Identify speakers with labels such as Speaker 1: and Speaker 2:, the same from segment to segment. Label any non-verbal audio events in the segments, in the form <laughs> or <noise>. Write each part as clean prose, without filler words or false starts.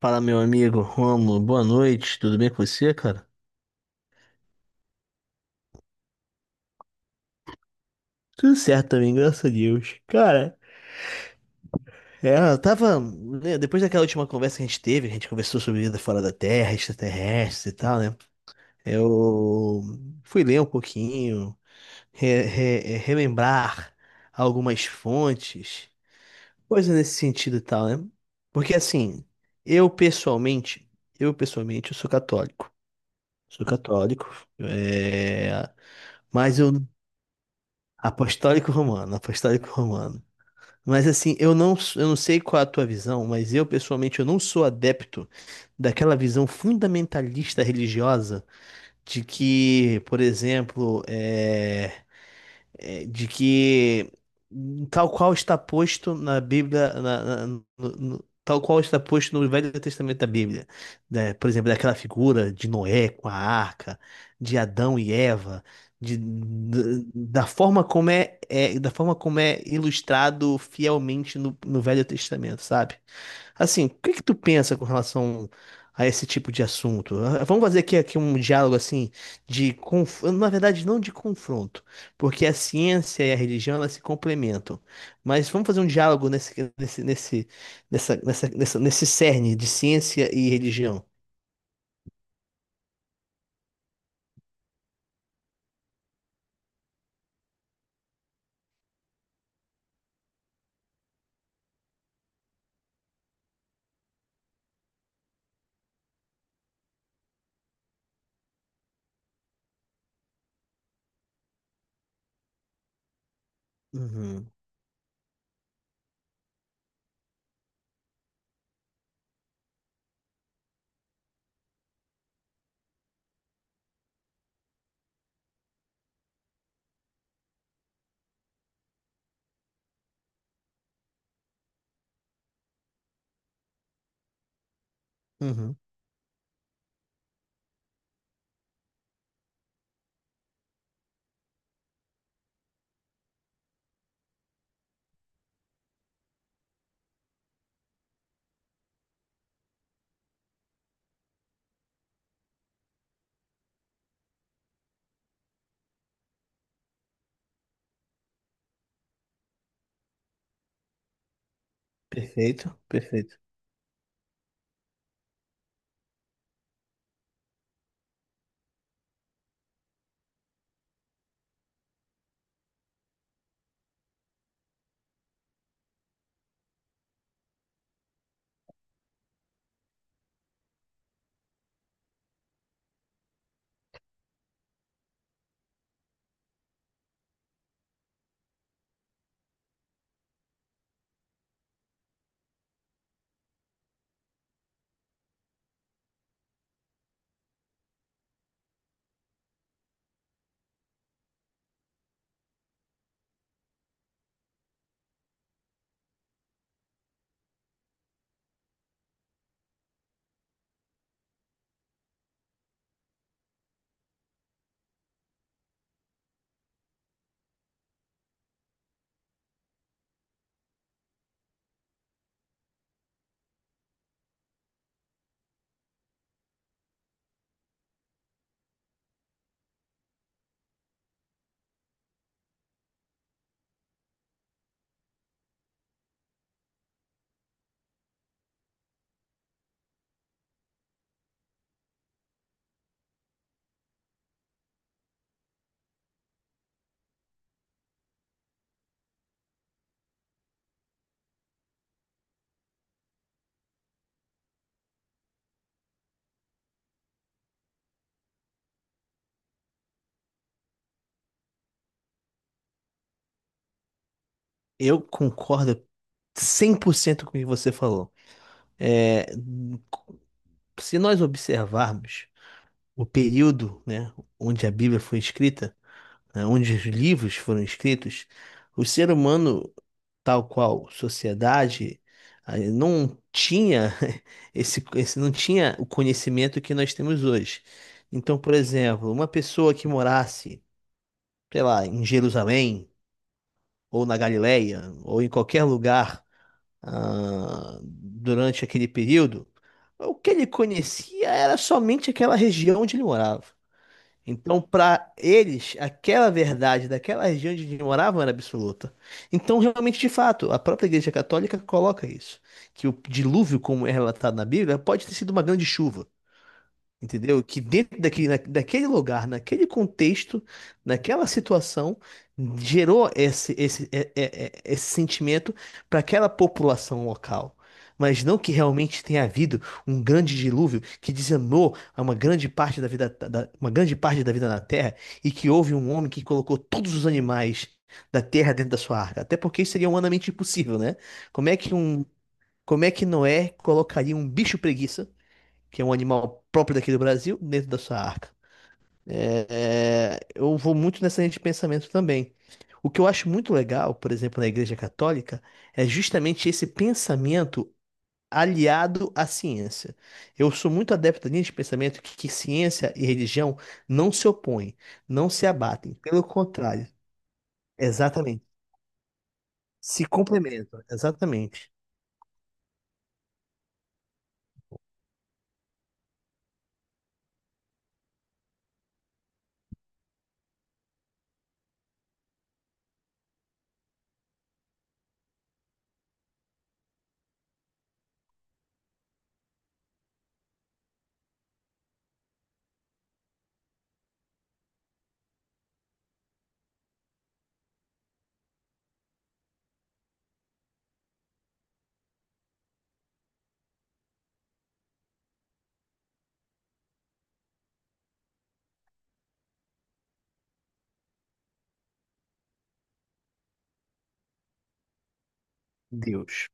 Speaker 1: Fala, meu amigo Rômulo, boa noite, tudo bem com você, cara? Tudo certo também, graças a Deus. Cara, eu tava, né, depois daquela última conversa que a gente teve, a gente conversou sobre vida fora da Terra, extraterrestres e tal, né? Eu fui ler um pouquinho, relembrar algumas fontes, coisa nesse sentido e tal, né? Porque assim, eu pessoalmente, eu pessoalmente, eu sou católico. Sou católico, é, mas eu apostólico romano, apostólico romano. Mas assim, eu não sei qual é a tua visão, mas eu pessoalmente eu não sou adepto daquela visão fundamentalista religiosa de que, por exemplo, de que tal qual está posto na Bíblia, tal qual está posto no Velho Testamento da Bíblia, né? Por exemplo, daquela figura de Noé com a arca, de Adão e Eva, da forma como é ilustrado fielmente no Velho Testamento, sabe? Assim, o que que tu pensa com relação a esse tipo de assunto? Ah, vamos fazer aqui um diálogo assim na verdade não de confronto, porque a ciência e a religião, elas se complementam. Mas vamos fazer um diálogo nesse, nesse, nesse, nessa, nessa, nessa- nesse cerne de ciência e religião. Uhum, uhum. Perfeito, perfeito. Eu concordo 100% com o que você falou. É, se nós observarmos o período, né, onde a Bíblia foi escrita, né, onde os livros foram escritos, o ser humano tal qual sociedade, aí não tinha <laughs> esse não tinha o conhecimento que nós temos hoje. Então, por exemplo, uma pessoa que morasse, sei lá, em Jerusalém ou na Galileia ou em qualquer lugar, ah, durante aquele período, o que ele conhecia era somente aquela região onde ele morava. Então, para eles, aquela verdade daquela região onde eles moravam era absoluta. Então, realmente, de fato, a própria Igreja Católica coloca isso, que o dilúvio, como é relatado na Bíblia, pode ter sido uma grande chuva. Entendeu? Que dentro daquele lugar, naquele contexto, naquela situação, gerou esse, esse, é- é- é- esse sentimento para aquela população local. Mas não que realmente tenha havido um grande dilúvio que dizimou a uma grande parte da vida, uma grande parte da vida na Terra e que houve um homem que colocou todos os animais da Terra dentro da sua arca. Até porque isso seria humanamente impossível, né? Como é que um, como é que Noé colocaria um bicho preguiça, que é um animal próprio daqui do Brasil, dentro da sua arca? Eu vou muito nessa linha de pensamento também. O que eu acho muito legal, por exemplo, na Igreja Católica, é justamente esse pensamento aliado à ciência. Eu sou muito adepto da linha de pensamento que ciência e religião não se opõem, não se abatem. Pelo contrário, exatamente. Se complementam, exatamente. Deus.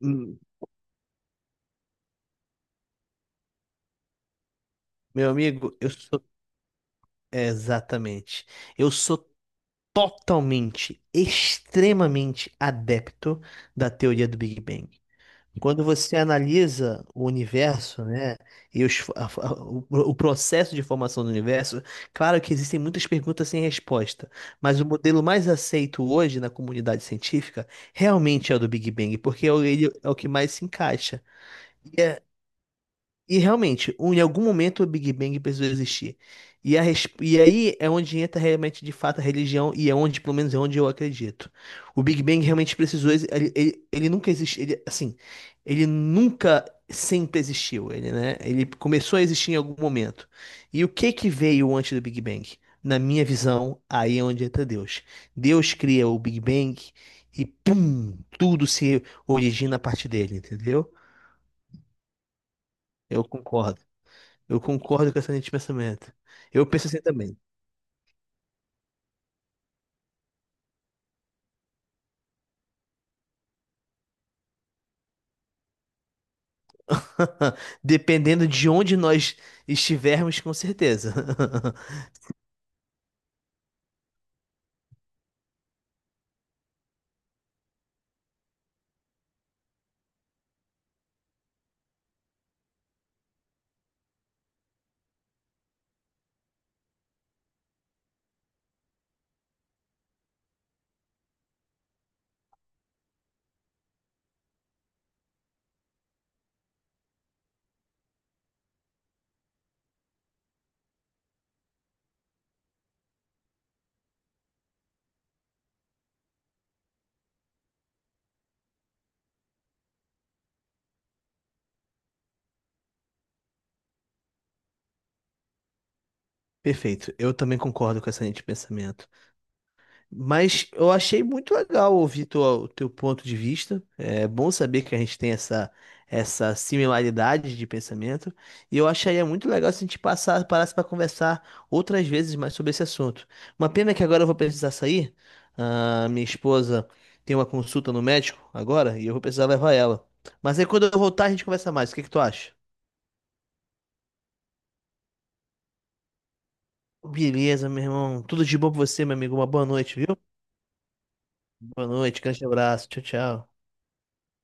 Speaker 1: Hum, Meu amigo, eu sou. Exatamente. Eu sou totalmente, extremamente adepto da teoria do Big Bang. Quando você analisa o universo, né, e os fo- a- o processo de formação do universo, claro que existem muitas perguntas sem resposta, mas o modelo mais aceito hoje na comunidade científica realmente é o do Big Bang, porque ele é o que mais se encaixa. E realmente, em algum momento o Big Bang precisou existir. E, e aí é onde entra realmente de fato a religião, e é onde, pelo menos, é onde eu acredito. O Big Bang realmente precisou, ele nunca existiu, ele, assim, ele nunca sempre existiu, ele, né? Ele começou a existir em algum momento. E o que que veio antes do Big Bang? Na minha visão, aí é onde entra Deus. Deus cria o Big Bang e pum, tudo se origina a partir dele, entendeu? Eu concordo. Eu concordo com essa linha de pensamento. Eu penso assim também. <laughs> Dependendo de onde nós estivermos, com certeza. <laughs> Perfeito. Eu também concordo com essa linha de pensamento. Mas eu achei muito legal ouvir o teu ponto de vista. É bom saber que a gente tem essa similaridade de pensamento. E eu acharia muito legal se a gente parasse para conversar outras vezes mais sobre esse assunto. Uma pena que agora eu vou precisar sair. Ah, minha esposa tem uma consulta no médico agora e eu vou precisar levar ela. Mas aí quando eu voltar a gente conversa mais. O que que tu acha? Beleza, meu irmão. Tudo de bom pra você, meu amigo. Uma boa noite, viu? Boa noite, grande abraço. Tchau, tchau.